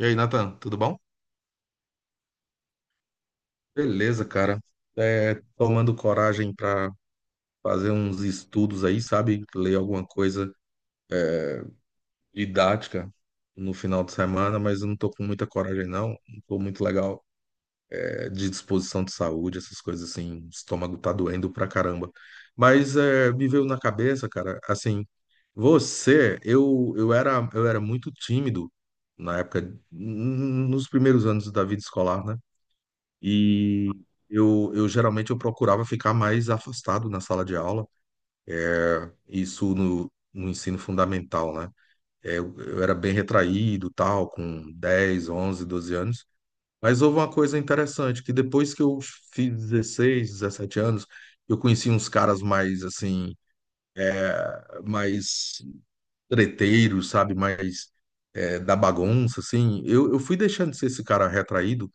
E aí, Nathan, tudo bom? Beleza, cara. É, tomando coragem para fazer uns estudos aí, sabe? Ler alguma coisa didática no final de semana, mas eu não tô com muita coragem, não. Não tô muito legal, é, de disposição de saúde, essas coisas assim. O estômago tá doendo pra caramba. Mas é, me veio na cabeça, cara, assim, você, eu era muito tímido na época, nos primeiros anos da vida escolar, né? E eu geralmente eu procurava ficar mais afastado na sala de aula, isso no, no, ensino fundamental, né? É, Eu era bem retraído, tal, com 10, 11, 12 anos. Mas houve uma coisa interessante, que depois que eu fiz 16, 17 anos, eu conheci uns caras mais, assim, mais treteiros, sabe? Mais da bagunça, assim. Eu fui deixando de ser esse cara retraído,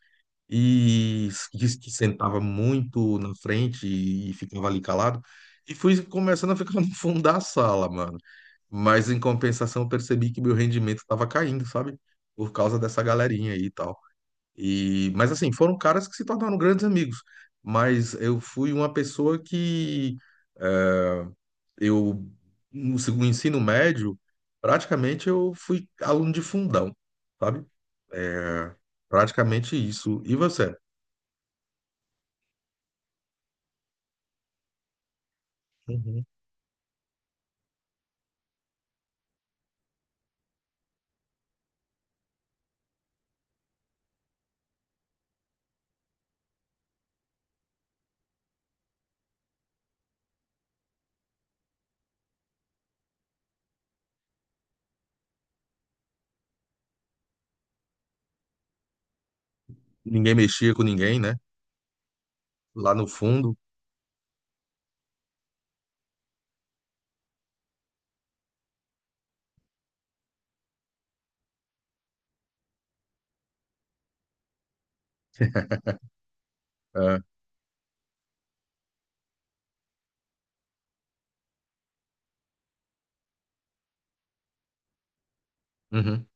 e disse que sentava muito na frente e ficava ali calado. E fui começando a ficar no fundo da sala, mano. Mas em compensação, eu percebi que meu rendimento estava caindo, sabe? Por causa dessa galerinha aí e tal. E, mas assim, foram caras que se tornaram grandes amigos. Mas eu fui uma pessoa que eu, no ensino médio, praticamente eu fui aluno de fundão, sabe? É, praticamente isso. E você? Uhum. Ninguém mexia com ninguém, né? Lá no fundo. É. Uhum.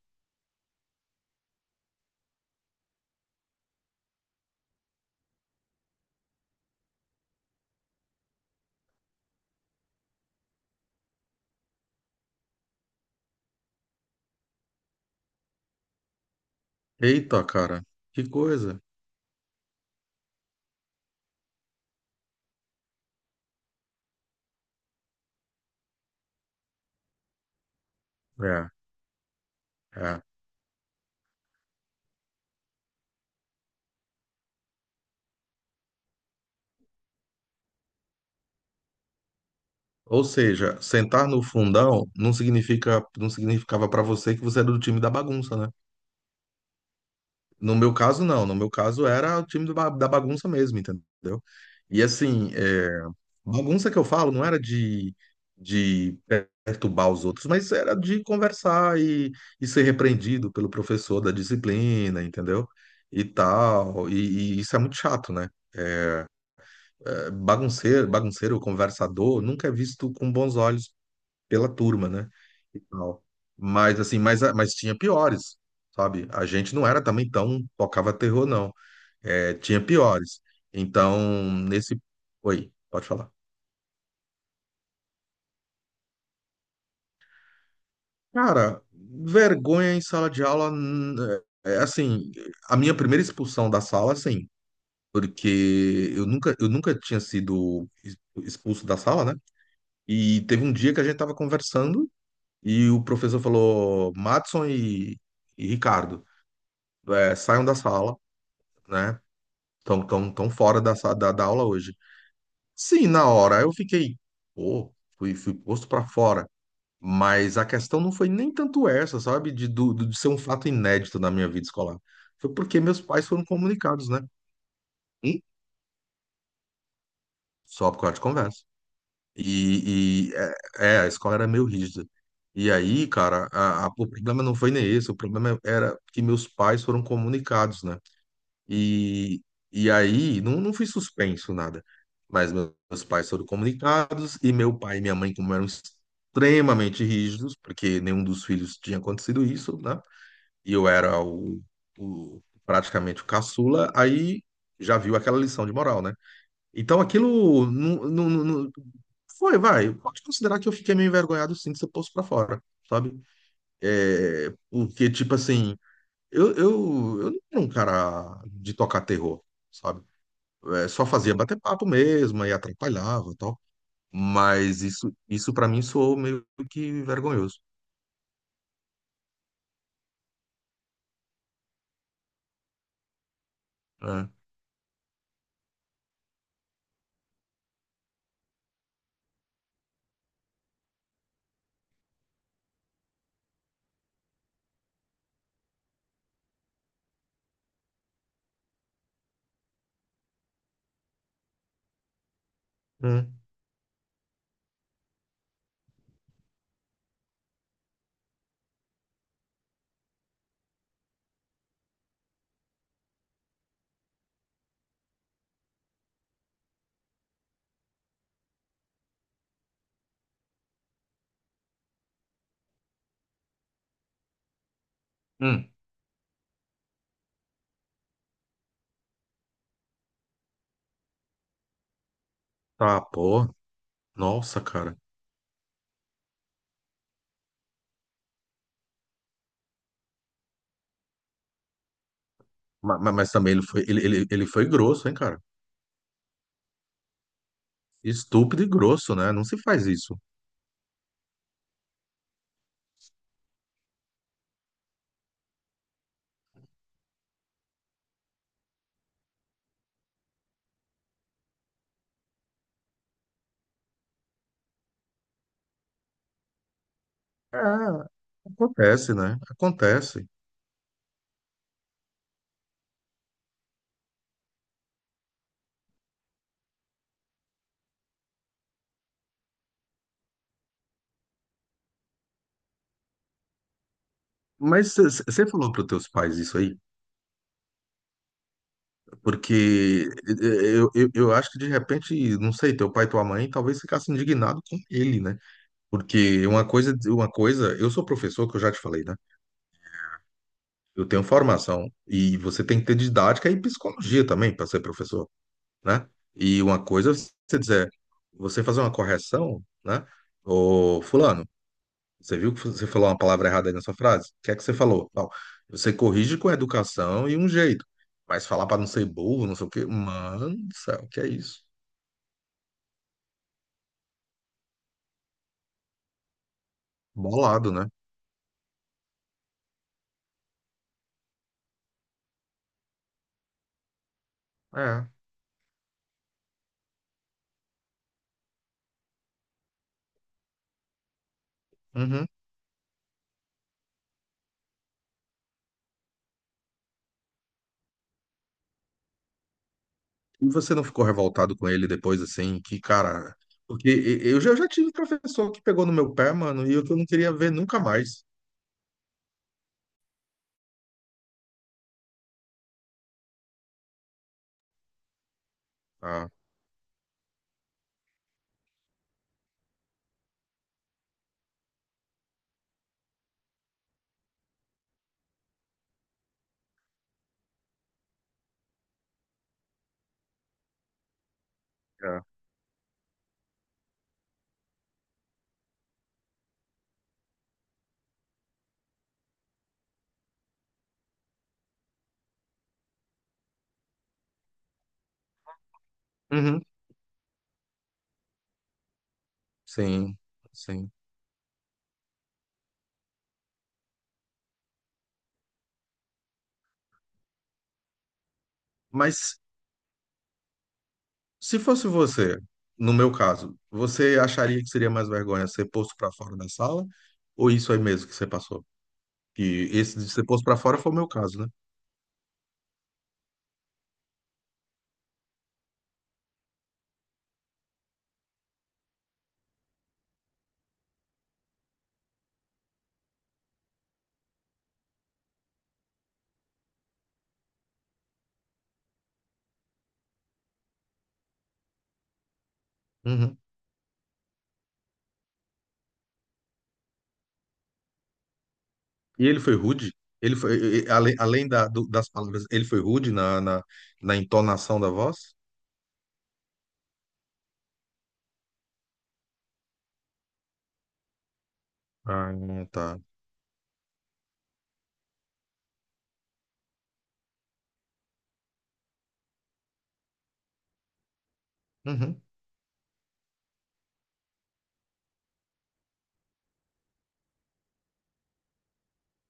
Eita, cara, que coisa. É, é. Ou seja, sentar no fundão não significa, não significava para você que você era do time da bagunça, né? No meu caso, não. No meu caso, era o time da bagunça mesmo, entendeu? E assim, é, bagunça que eu falo não era de perturbar os outros, mas era de conversar e ser repreendido pelo professor da disciplina, entendeu? E tal. E isso é muito chato, né? Bagunceiro, bagunceiro, conversador, nunca é visto com bons olhos pela turma, né? E tal. Mas assim, mas tinha piores, sabe? A gente não era também tão tocava terror, não. É, tinha piores. Então, nesse. Oi, pode falar. Cara, vergonha em sala de aula. É, assim, a minha primeira expulsão da sala, sim, porque eu nunca tinha sido expulso da sala, né? E teve um dia que a gente tava conversando. E o professor falou: Madison e Ricardo, é, saiam da sala, né? Estão tão fora da aula hoje. Sim, na hora eu fiquei, pô, fui posto para fora. Mas a questão não foi nem tanto essa, sabe? De ser um fato inédito na minha vida escolar. Foi porque meus pais foram comunicados, né? E só por causa de conversa. E, a escola era meio rígida. E aí, cara, o problema não foi nem esse, o problema era que meus pais foram comunicados, né? E, e aí, não fui suspenso, nada. Mas meus pais foram comunicados, e meu pai e minha mãe, como eram extremamente rígidos, porque nenhum dos filhos tinha acontecido isso, né? E eu era praticamente o caçula, aí já viu aquela lição de moral, né? Então aquilo não foi, vai. Pode considerar que eu fiquei meio envergonhado sim de ser posto pra fora, sabe? É, porque, tipo assim. Eu não era um cara de tocar terror, sabe? É, só fazia bater papo mesmo, aí atrapalhava e tal. Mas isso para mim soou meio que vergonhoso, né? Hum, hum. Tá, pô. Nossa, cara. Mas, também ele foi grosso, hein, cara? Estúpido e grosso, né? Não se faz isso. É, acontece, né? Acontece. Mas você falou para os teus pais isso aí? Porque eu acho que de repente, não sei, teu pai e tua mãe talvez ficasse indignado com ele, né? Porque uma coisa, eu sou professor, que eu já te falei, né? Eu tenho formação e você tem que ter didática e psicologia também para ser professor, né? E uma coisa, é você dizer, você fazer uma correção, né? Ô, fulano, você viu que você falou uma palavra errada aí nessa frase? O que é que você falou? Tal. Você corrige com educação e um jeito. Mas falar para não ser burro, não sei o quê. Mano do céu, que é isso? Bolado, né? É. Uhum. E você não ficou revoltado com ele depois, assim, que, cara. Porque eu já tive professor que pegou no meu pé, mano, e eu que eu não queria ver nunca mais. Ah, é. Uhum. Sim, sim. Mas se fosse você, no meu caso, você acharia que seria mais vergonha ser posto pra fora da sala? Ou isso aí mesmo que você passou? Que esse de ser posto pra fora foi o meu caso, né? E ele foi rude? Ele foi, além das palavras, ele foi rude na entonação da voz? Ah, tá. Uhum.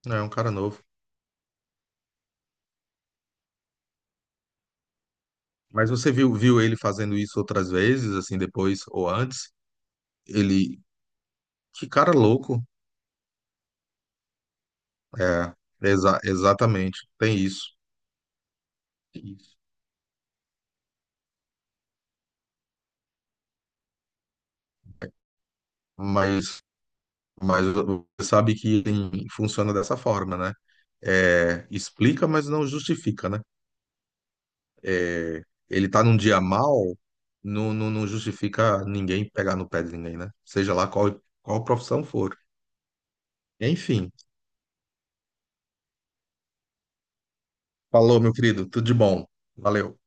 É um cara novo. Mas você viu ele fazendo isso outras vezes, assim, depois ou antes? Ele. Que cara louco. É, exatamente. Tem isso. Isso. Mas, mas você sabe que ele funciona dessa forma, né? É, explica, mas não justifica, né? É, ele tá num dia mal, não, não justifica ninguém pegar no pé de ninguém, né? Seja lá qual profissão for. Enfim, falou, meu querido, tudo de bom. Valeu.